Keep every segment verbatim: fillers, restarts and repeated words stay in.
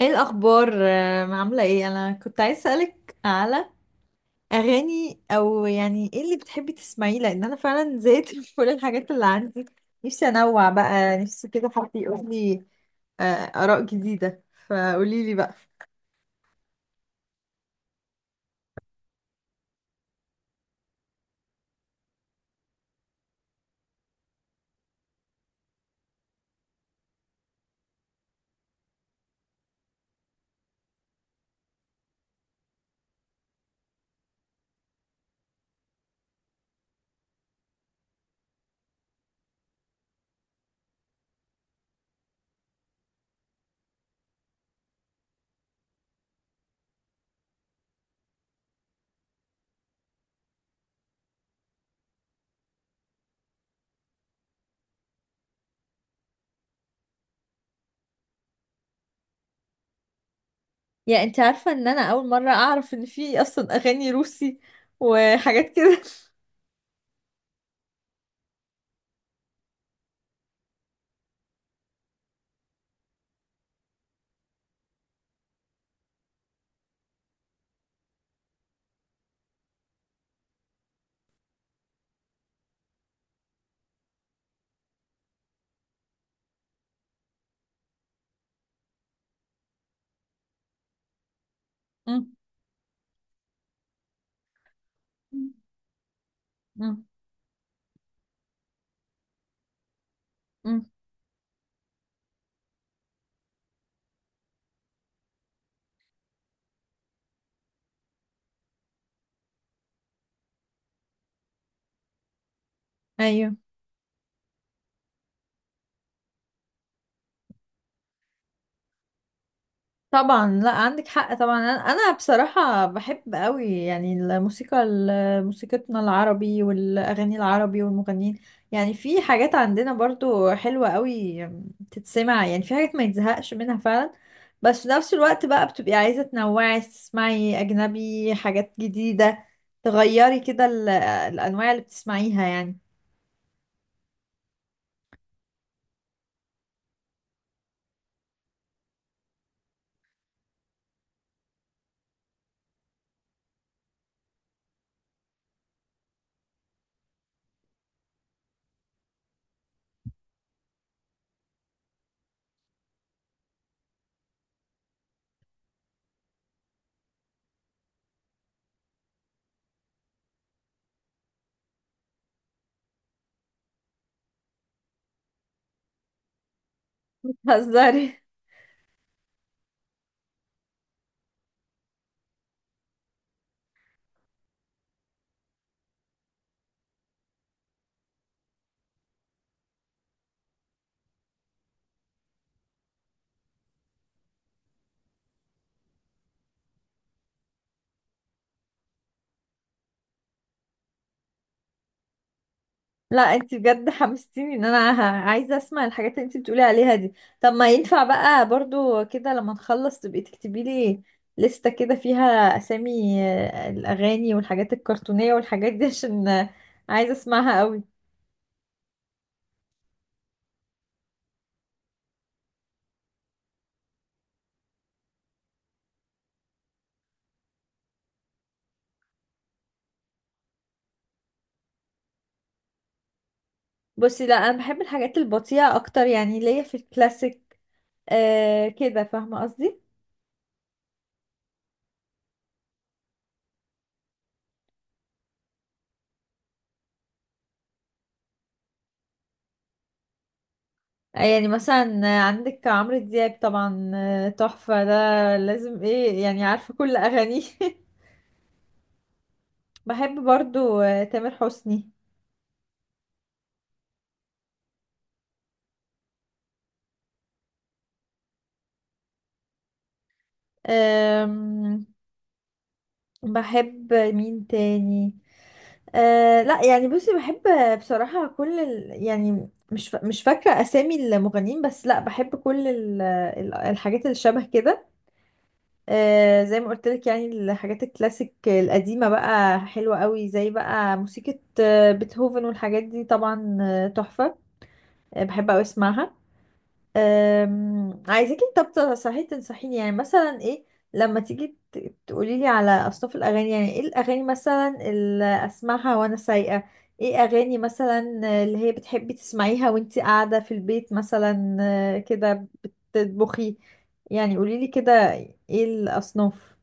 ايه الاخبار؟ آه، عامله ايه؟ انا كنت عايز اسالك على اغاني، او يعني ايه اللي بتحبي تسمعيه، لان انا فعلا زهقت من كل الحاجات اللي عندي. نفسي انوع بقى، نفسي كده حد يقول لي آه، اراء جديده، فقولي لي بقى. يعني انت عارفه ان انا اول مره اعرف ان في اصلا اغاني روسي وحاجات كده. أم، أم، أم. ايوه طبعا، لا عندك حق طبعا، انا أنا بصراحه بحب قوي يعني الموسيقى ال- موسيقتنا العربي والاغاني العربي والمغنيين. يعني في حاجات عندنا برضو حلوه قوي تتسمع، يعني في حاجات ما يتزهقش منها فعلا. بس في نفس الوقت بقى بتبقي عايزه تنوعي، تسمعي اجنبي، حاجات جديده، تغيري كده ال- الانواع اللي بتسمعيها يعني. بتهزري؟ لا انت بجد حمستيني ان انا ه- عايزه اسمع الحاجات اللي انت بتقولي عليها دي. طب ما ينفع بقى برضو كده، لما نخلص تبقي تكتبي لي لستة كده فيها اسامي آه، الاغاني والحاجات الكرتونيه والحاجات دي عشان آه، عايزه اسمعها قوي. بصي لا انا بحب الحاجات البطيئه اكتر، يعني ليا في الكلاسيك، آه كده، فاهمه قصدي؟ يعني مثلا آه، عندك عمرو دياب طبعا، آه، تحفه ده، لازم ايه يعني عارفه كل اغانيه بحب برضو آه، تامر حسني. أم، بحب مين تاني؟ أه لا، يعني بصي بحب بصراحة كل ال... يعني مش ف... مش فاكرة أسامي المغنيين، بس لا بحب كل ال... ال- الحاجات اللي شبه كده. أه زي ما قلت لك، يعني الحاجات الكلاسيك القديمة بقى حلوة قوي، زي بقى موسيقى آه، بيتهوفن والحاجات دي طبعا، آه، تحفة. آه، بحب أوي أسمعها. أم، عايزاكي، طب ت- صحيح تنصحيني يعني مثلا ايه لما تيجي تقولي لي على اصناف الاغاني، يعني ايه الاغاني مثلا اللي اسمعها وانا سايقه، ايه اغاني مثلا اللي هي بتحبي تسمعيها وانتي قاعده في البيت مثلا آه، كده، بتطبخي، يعني قولي لي كده، ايه الاصناف؟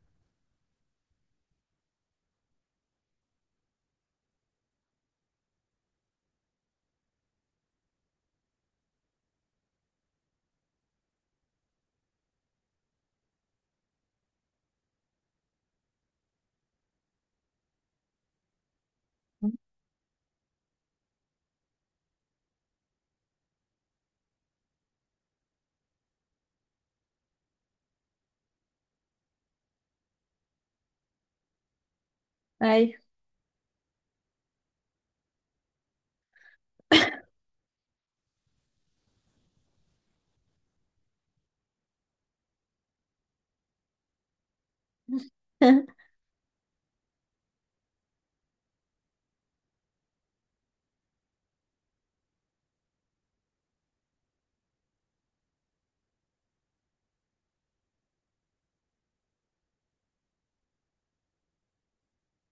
ايوه.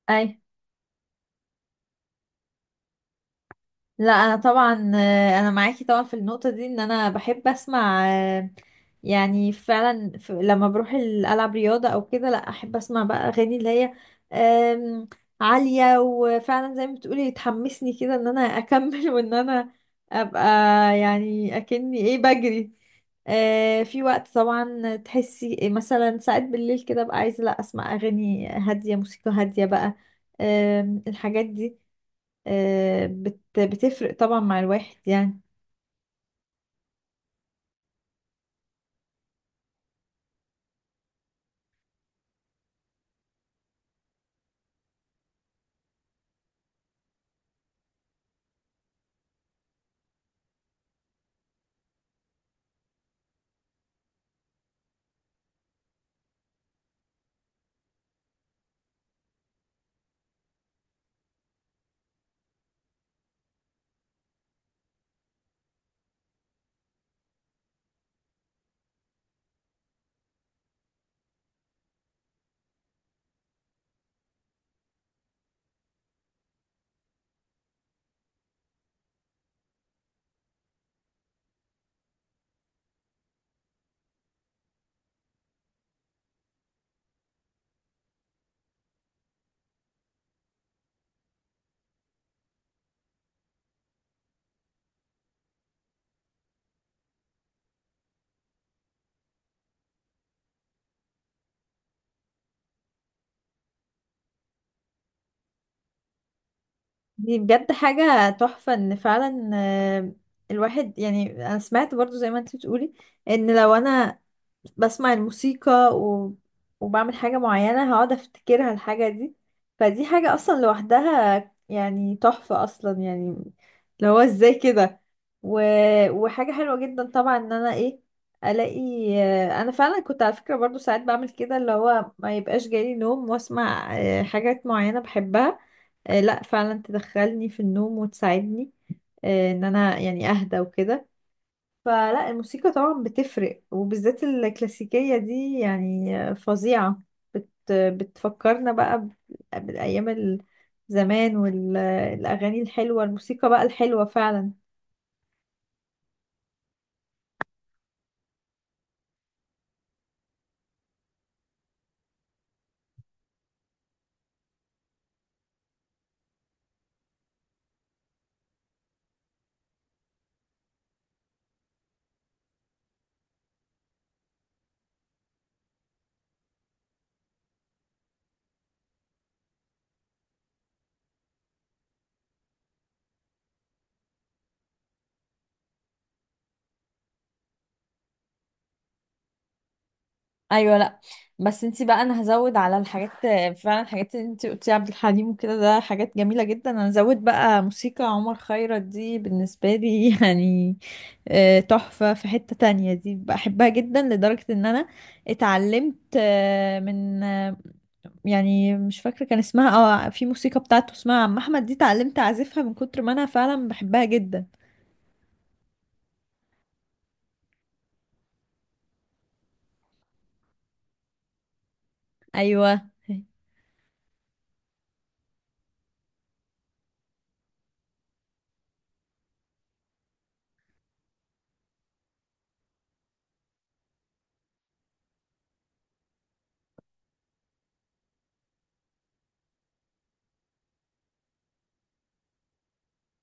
اي لا، انا طبعا آه، انا معاكي طبعا في النقطه دي، ان انا بحب اسمع، آه، يعني فعلا ف- لما بروح ال- العب رياضه او كده، لا احب اسمع بقى اغاني اللي هي آم، عاليه، وفعلا زي ما بتقولي تحمسني كده ان انا اكمل وان انا ابقى يعني اكني ايه بجري. آه، في وقت طبعا تحسي مثلا ساعات بالليل كده بقى عايزه، لا اسمع اغاني هاديه، موسيقى هاديه بقى، آم، الحاجات دي آه، بت بتفرق طبعا مع الواحد يعني. دي بجد حاجة تحفة ان فعلا آه، الواحد يعني، انا سمعت برضو زي ما انت بتقولي ان لو انا بسمع الموسيقى و... وبعمل حاجة معينة هقعد افتكرها الحاجة دي، فدي حاجة اصلا لوحدها يعني تحفة اصلا يعني، اللي هو ازاي كده، و... وحاجة حلوة جدا طبعا ان انا ايه الاقي. آه، انا فعلا كنت على فكرة برضو ساعات بعمل كده، اللي هو ما يبقاش جالي نوم واسمع آه، حاجات معينة بحبها، آه، لا فعلا تدخلني في النوم وتساعدني آه، ان انا يعني اهدى وكده. فلا الموسيقى طبعا بتفرق، وبالذات الكلاسيكية دي يعني فظيعة، بت بتفكرنا بقى ب- بالأيام ال- زمان والأغاني الحلوة، الموسيقى بقى الحلوة فعلا. ايوه لا، بس انتي بقى، انا هزود على الحاجات فعلا، الحاجات اللي انتي قلتي عبد الحليم وكده ده حاجات جميله جدا، انا هزود بقى موسيقى عمر خيرت دي بالنسبه لي يعني آه، تحفه، في حته تانية دي بحبها جدا لدرجه ان انا اتعلمت آه، من، آه، يعني مش فاكره كان اسمها، اه في موسيقى بتاعته اسمها عم احمد، دي اتعلمت اعزفها من كتر ما انا فعلا بحبها جدا. ايوه.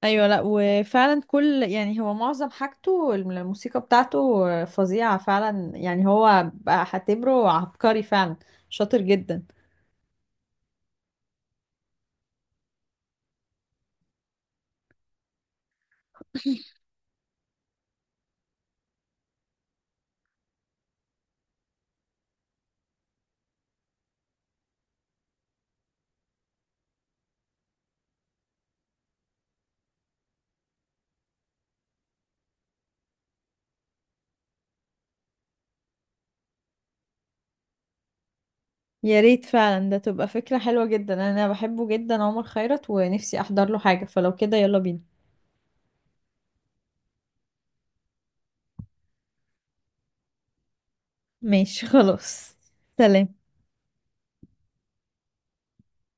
ايوه لا، وفعلا كل يعني هو معظم حاجته الم- الموسيقى بتاعته فظيعة فعلا، يعني هو بقى هعتبره عبقري فعلا، شاطر جدا. يا ريت فعلا، ده تبقى فكرة حلوة جدا، انا بحبه جدا عمر خيرت ونفسي احضر له حاجة، فلو كده يلا بينا. ماشي خلاص. سلام.